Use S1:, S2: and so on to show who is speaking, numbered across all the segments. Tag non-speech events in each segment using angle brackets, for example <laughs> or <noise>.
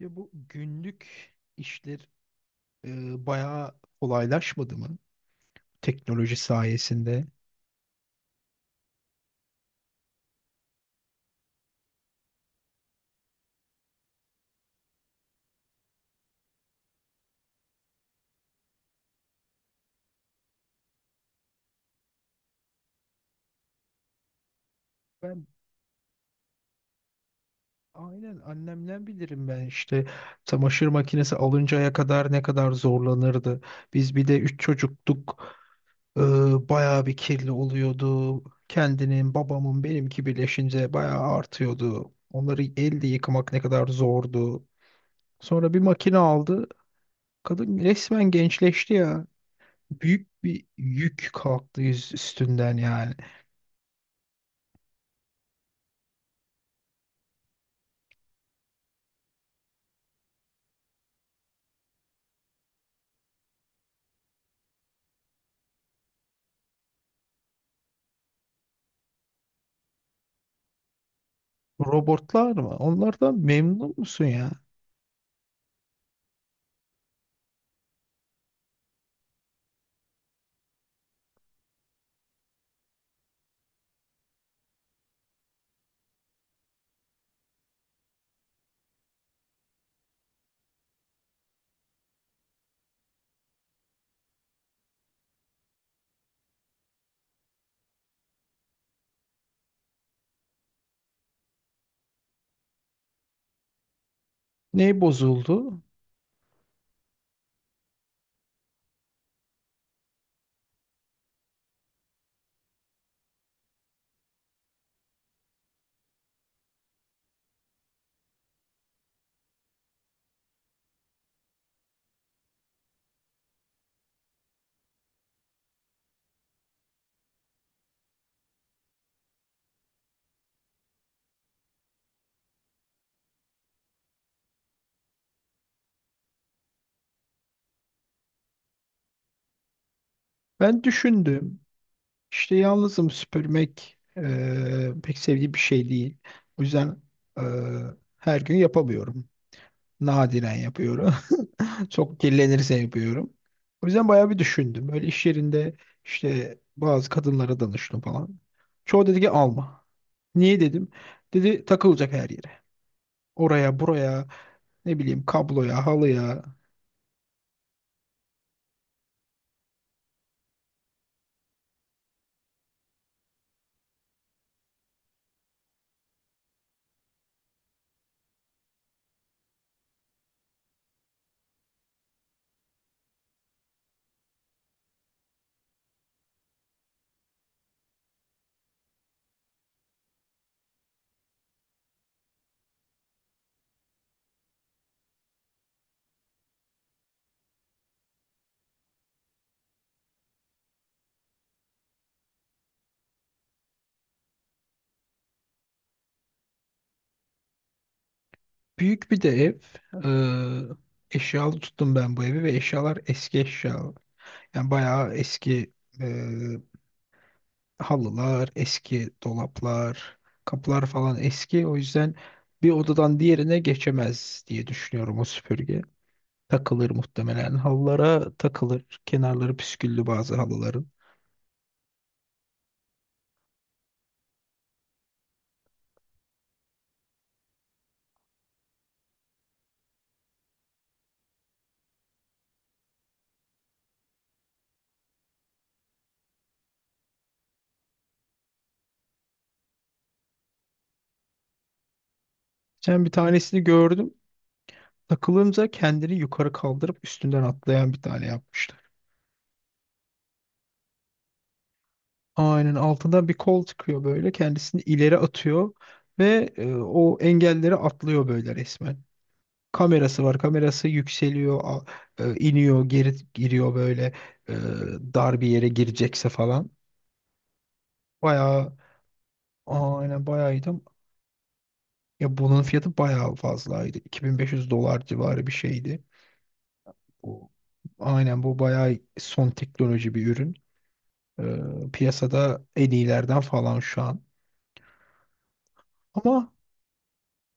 S1: Ya bu günlük işler bayağı kolaylaşmadı mı teknoloji sayesinde? Ben Aynen annemden bilirim ben işte çamaşır makinesi alıncaya kadar ne kadar zorlanırdı. Biz bir de 3 çocuktuk. Ee, bayağı bir kirli oluyordu. Kendinin, babamın, benimki birleşince bayağı artıyordu. Onları elde yıkamak ne kadar zordu. Sonra bir makine aldı. Kadın resmen gençleşti ya. Büyük bir yük kalktı yüz üstünden yani. Robotlar mı? Onlardan memnun musun ya? Ne bozuldu? Ben düşündüm. İşte yalnızım, süpürmek pek sevdiğim bir şey değil. O yüzden eee, her gün yapamıyorum. Nadiren yapıyorum. <laughs> Çok kirlenirse yapıyorum. O yüzden bayağı bir düşündüm. Böyle iş yerinde işte bazı kadınlara danıştım falan. Çoğu dedi ki alma. Niye dedim? Dedi takılacak her yere. Oraya buraya ne bileyim kabloya halıya. Büyük bir de ev. Eee Eşyalı tuttum ben bu evi ve eşyalar eski eşya. Yani bayağı eski e, halılar, eski dolaplar, kapılar falan eski. O yüzden bir odadan diğerine geçemez diye düşünüyorum o süpürge. Takılır muhtemelen. Halılara takılır. Kenarları püsküllü bazı halıların. Geçen bir tanesini gördüm. Takılınca kendini yukarı kaldırıp üstünden atlayan bir tane yapmışlar. Aynen altından bir kol çıkıyor böyle. Kendisini ileri atıyor ve o engelleri atlıyor böyle resmen. Kamerası var. Kamerası yükseliyor, iniyor, geri giriyor böyle e, dar bir yere girecekse falan. Bayağı aynen bayağı iyiydi. Ya bunun fiyatı bayağı fazlaydı. 2500 dolar civarı bir şeydi. Bu, aynen bu bayağı son teknoloji bir ürün. Piyasada en iyilerden falan şu an. Ama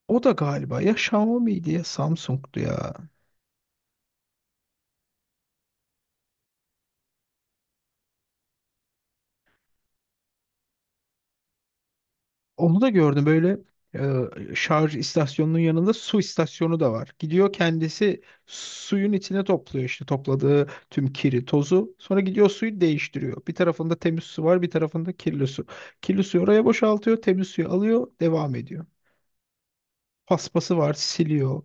S1: o da galiba ya Xiaomi'ydi ya Samsung'du ya. Onu da gördüm böyle şarj istasyonunun yanında su istasyonu da var. Gidiyor kendisi suyun içine topluyor işte topladığı tüm kiri, tozu. Sonra gidiyor suyu değiştiriyor. Bir tarafında temiz su var, bir tarafında kirli su. Kirli suyu oraya boşaltıyor, temiz suyu alıyor, devam ediyor. Paspası var, siliyor.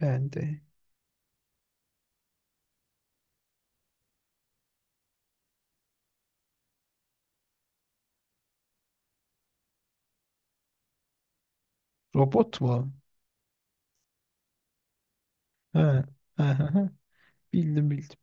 S1: Yani de. Robot mu? He. He, he, he. Bildim bildim.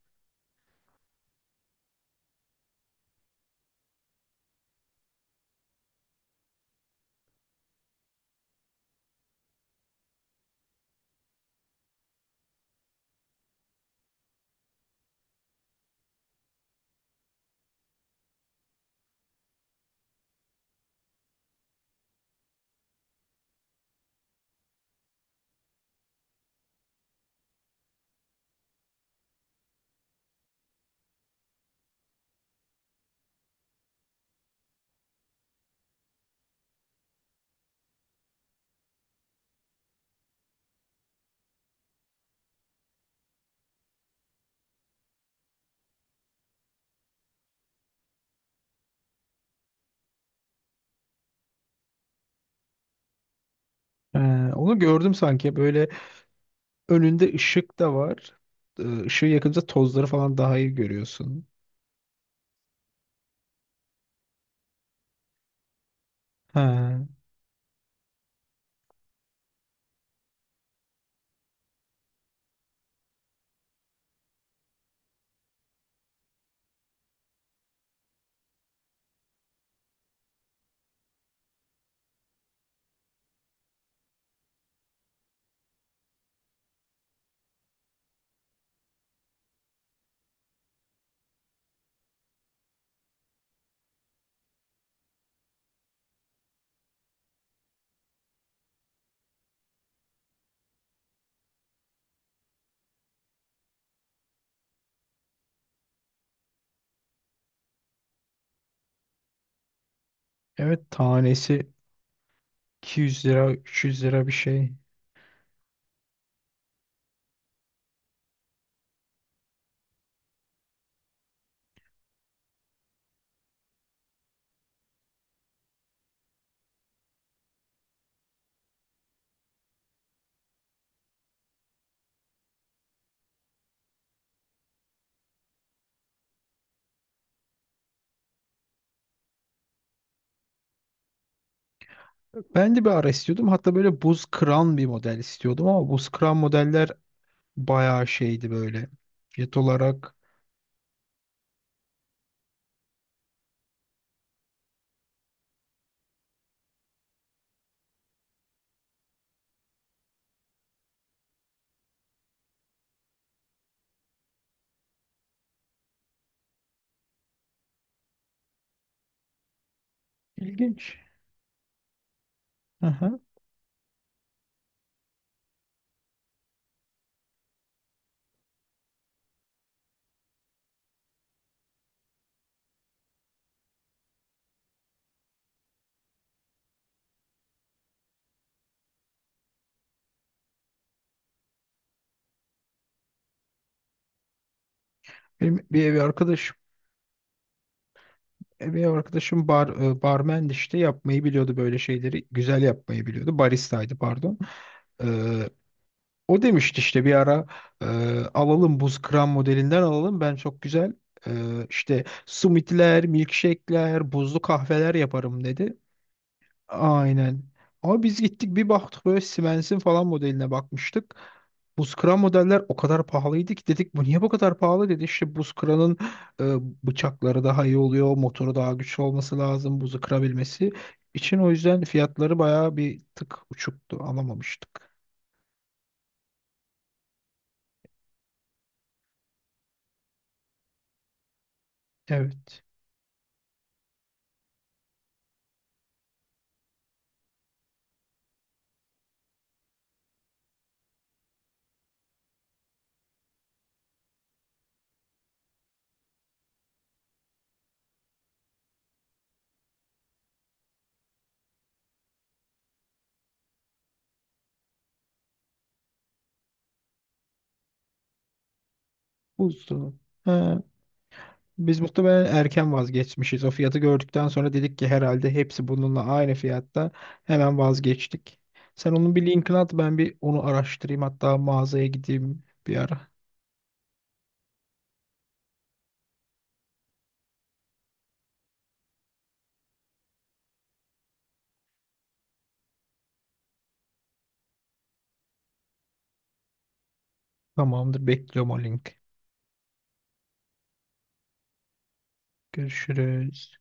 S1: He, onu gördüm sanki böyle önünde ışık da var. Işığı yakınca tozları falan daha iyi görüyorsun. He. Evet, tanesi 200 lira, 300 lira bir şey. Ben de bir ara istiyordum. Hatta böyle buz kıran bir model istiyordum ama buz kıran modeller bayağı şeydi böyle. Fiyat olarak ilginç. Aha. Benim bir ev arkadaşım barmendi, işte yapmayı biliyordu böyle şeyleri. Güzel yapmayı biliyordu. Baristaydı, pardon. Ee, O demişti işte bir ara e, alalım, buz kıran modelinden alalım. Ben çok güzel e, işte summitler, milkshake'ler, buzlu kahveler yaparım dedi. Aynen. Ama biz gittik bir baktık böyle Siemens'in falan modeline bakmıştık. Buz kıran modeller o kadar pahalıydı ki dedik bu niye bu kadar pahalı dedi. İşte buz kıranın e, bıçakları daha iyi oluyor, motoru daha güçlü olması lazım buzu kırabilmesi için. O yüzden fiyatları bayağı bir tık uçuktu, alamamıştık. Evet. Buzdolabı. Ha, biz muhtemelen erken vazgeçmişiz. O fiyatı gördükten sonra dedik ki herhalde hepsi bununla aynı fiyatta. Hemen vazgeçtik. Sen onun bir linkini at, ben bir onu araştırayım. Hatta mağazaya gideyim bir ara. Tamamdır, bekliyorum o link. Görüşürüz.